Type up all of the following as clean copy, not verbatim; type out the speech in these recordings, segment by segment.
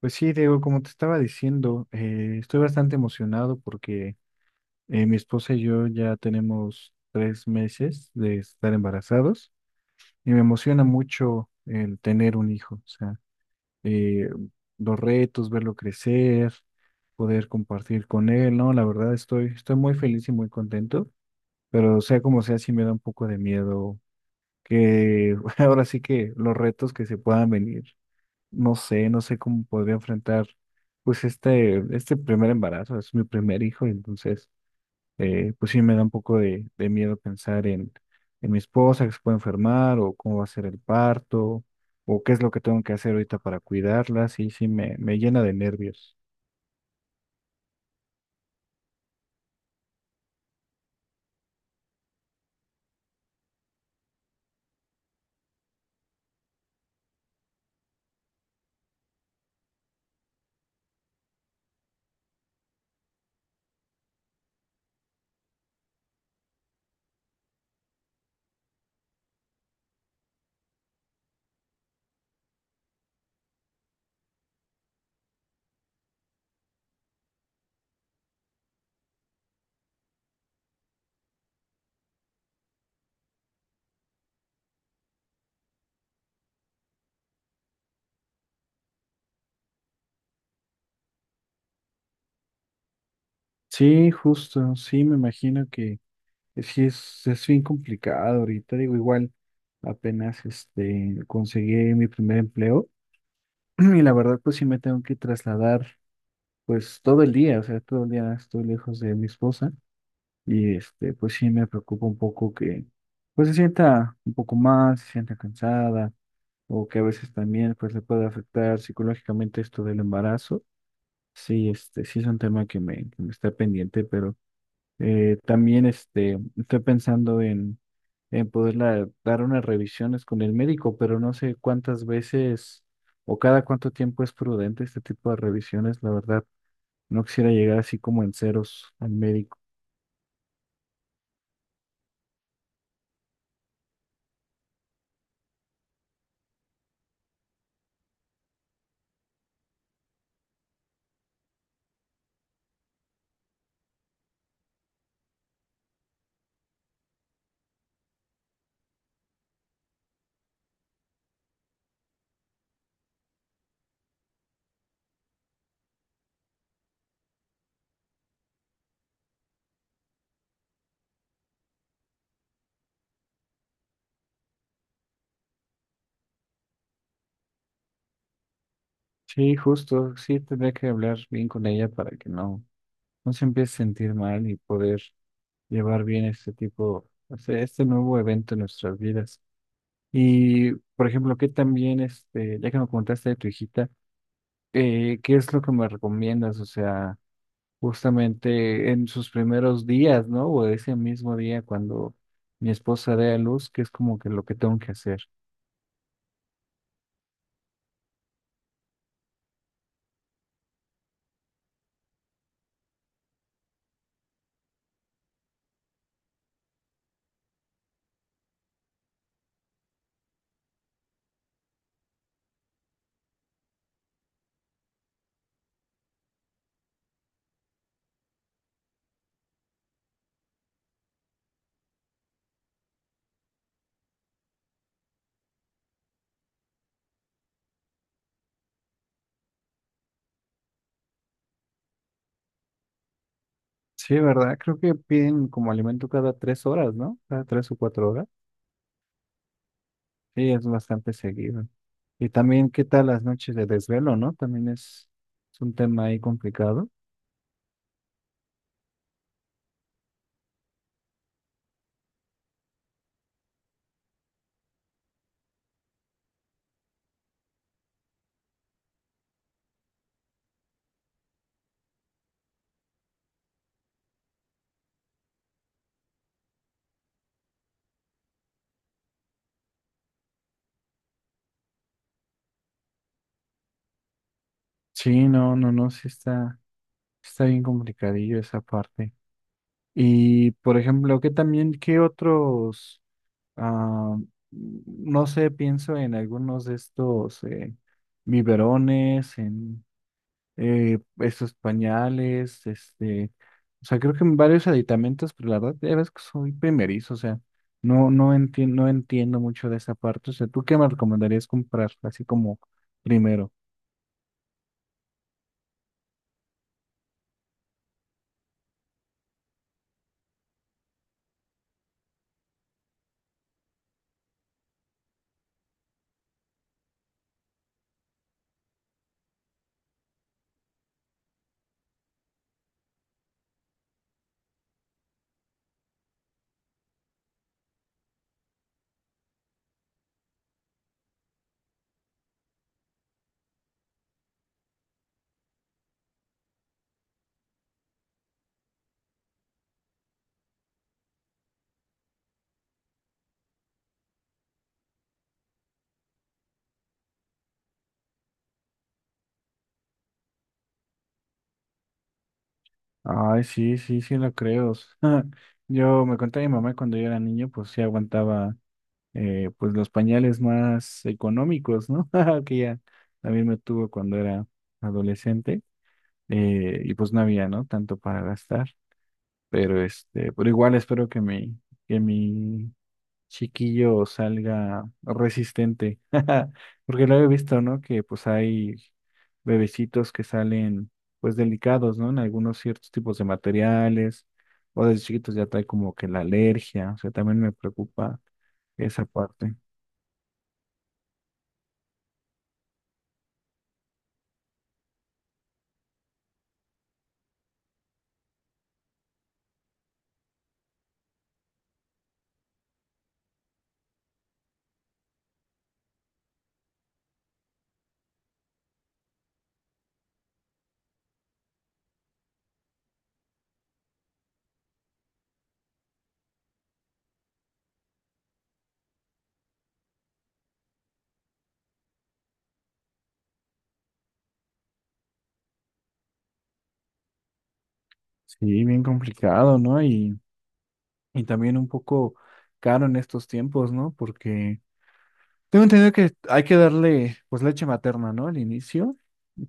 Pues sí, Diego, como te estaba diciendo, estoy bastante emocionado porque mi esposa y yo ya tenemos 3 meses de estar embarazados y me emociona mucho el tener un hijo, o sea, eh, los retos, verlo crecer, poder compartir con él, ¿no? La verdad estoy muy feliz y muy contento, pero sea como sea, sí me da un poco de miedo que ahora sí que los retos que se puedan venir. No sé cómo podría enfrentar pues este primer embarazo, es mi primer hijo, entonces pues sí me da un poco de miedo pensar en mi esposa que se puede enfermar o cómo va a ser el parto o qué es lo que tengo que hacer ahorita para cuidarla, sí, me llena de nervios. Sí, justo, sí, me imagino que sí es bien complicado ahorita, digo, igual apenas este conseguí mi primer empleo y la verdad pues sí me tengo que trasladar. Pues todo el día, o sea, todo el día estoy lejos de mi esposa y este, pues sí me preocupa un poco que pues se sienta un poco mal, se sienta cansada o que a veces también pues le puede afectar psicológicamente esto del embarazo. Sí, este, sí es un tema que me está pendiente, pero también este, estoy pensando en poderla dar unas revisiones con el médico, pero no sé cuántas veces o cada cuánto tiempo es prudente este tipo de revisiones, la verdad. No quisiera llegar así como en ceros al médico. Sí, justo, sí, tendría que hablar bien con ella para que no se empiece a sentir mal y poder llevar bien este tipo, o sea, este nuevo evento en nuestras vidas. Y, por ejemplo, que también, este, ya que me contaste de tu hijita, ¿qué es lo que me recomiendas? O sea, justamente en sus primeros días, ¿no? O ese mismo día cuando mi esposa dé a luz, ¿qué es como que lo que tengo que hacer? Sí, ¿verdad? Creo que piden como alimento cada 3 horas, ¿no? Cada 3 o 4 horas. Sí, es bastante seguido. Y también, ¿qué tal las noches de desvelo, no? También es un tema ahí complicado. Sí, no, no, no, sí está, está bien complicadillo esa parte. Y, por ejemplo, ¿qué también, qué otros, ah, no sé, pienso en algunos de estos biberones, en estos pañales, este, o sea, creo que varios aditamentos, pero la verdad, ya ves que soy primerizo, o sea, no entiendo, no entiendo mucho de esa parte, o sea, ¿tú qué me recomendarías comprar así como primero? Ay, sí, sí, sí lo creo. Yo me conté a mi mamá cuando yo era niño, pues sí aguantaba pues los pañales más económicos, ¿no? Que ya también me tuvo cuando era adolescente, y pues no había, ¿no? Tanto para gastar. Pero este, pero igual espero que mi chiquillo salga resistente. Porque lo he visto, ¿no? Que pues hay bebecitos que salen pues delicados, ¿no? En algunos ciertos tipos de materiales, o desde chiquitos ya trae como que la alergia. O sea, también me preocupa esa parte. Sí, bien complicado, ¿no? Y también un poco caro en estos tiempos, ¿no? Porque tengo entendido que hay que darle pues leche materna, ¿no? Al inicio,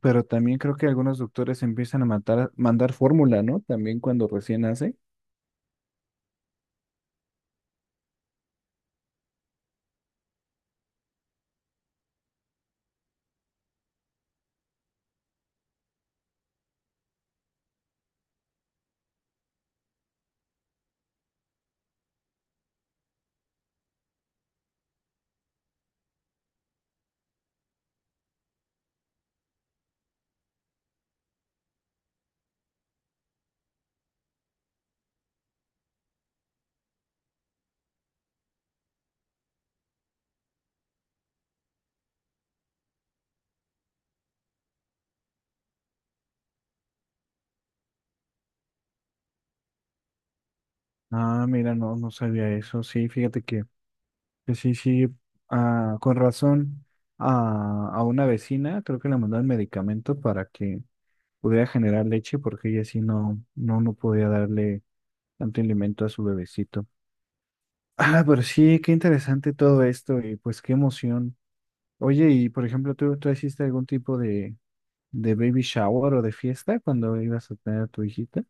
pero también creo que algunos doctores empiezan a mandar fórmula, ¿no? También cuando recién nace. Ah, mira, no, no sabía eso. Sí, fíjate que sí, sí, ah, con razón a una vecina creo que le mandaron medicamento para que pudiera generar leche porque ella sí no, no, no podía darle tanto alimento a su bebecito. Ah, pero sí, qué interesante todo esto y pues qué emoción. Oye, y por ejemplo, tú hiciste algún tipo de baby shower o de fiesta cuando ibas a tener a tu hijita?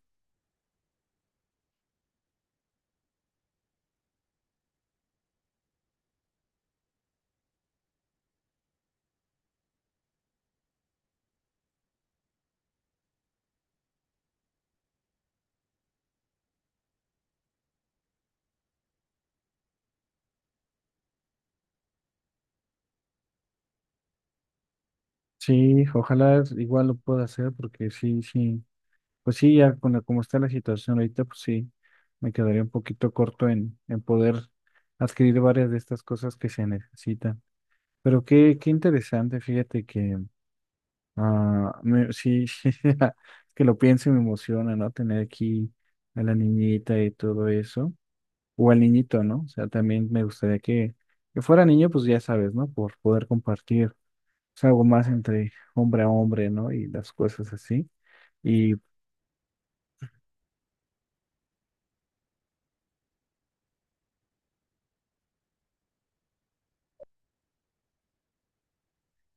Sí, ojalá igual lo pueda hacer porque sí, sí, pues sí, ya con la- como está la situación ahorita, pues sí, me quedaría un poquito corto en poder adquirir varias de estas cosas que se necesitan. Pero qué, qué interesante, fíjate que ah, me- sí, sí, que lo pienso y me emociona, ¿no? Tener aquí a la niñita y todo eso. O al niñito, ¿no? O sea, también me gustaría que fuera niño, pues ya sabes, ¿no? Por poder compartir pues, algo más entre hombre a hombre, ¿no? Y las cosas así. Y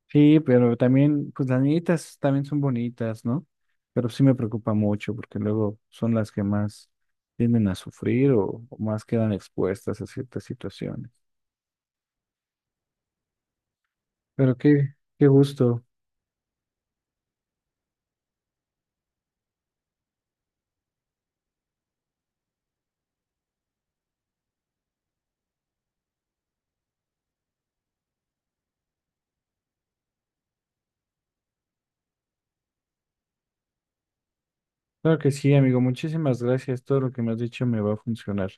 sí, pero también, pues las niñitas también son bonitas, ¿no? Pero sí me preocupa mucho porque luego son las que más tienden a sufrir o más quedan expuestas a ciertas situaciones. Pero qué, qué gusto. Claro que sí, amigo. Muchísimas gracias. Todo lo que me has dicho me va a funcionar.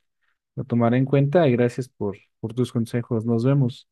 Lo tomaré en cuenta y gracias por tus consejos. Nos vemos.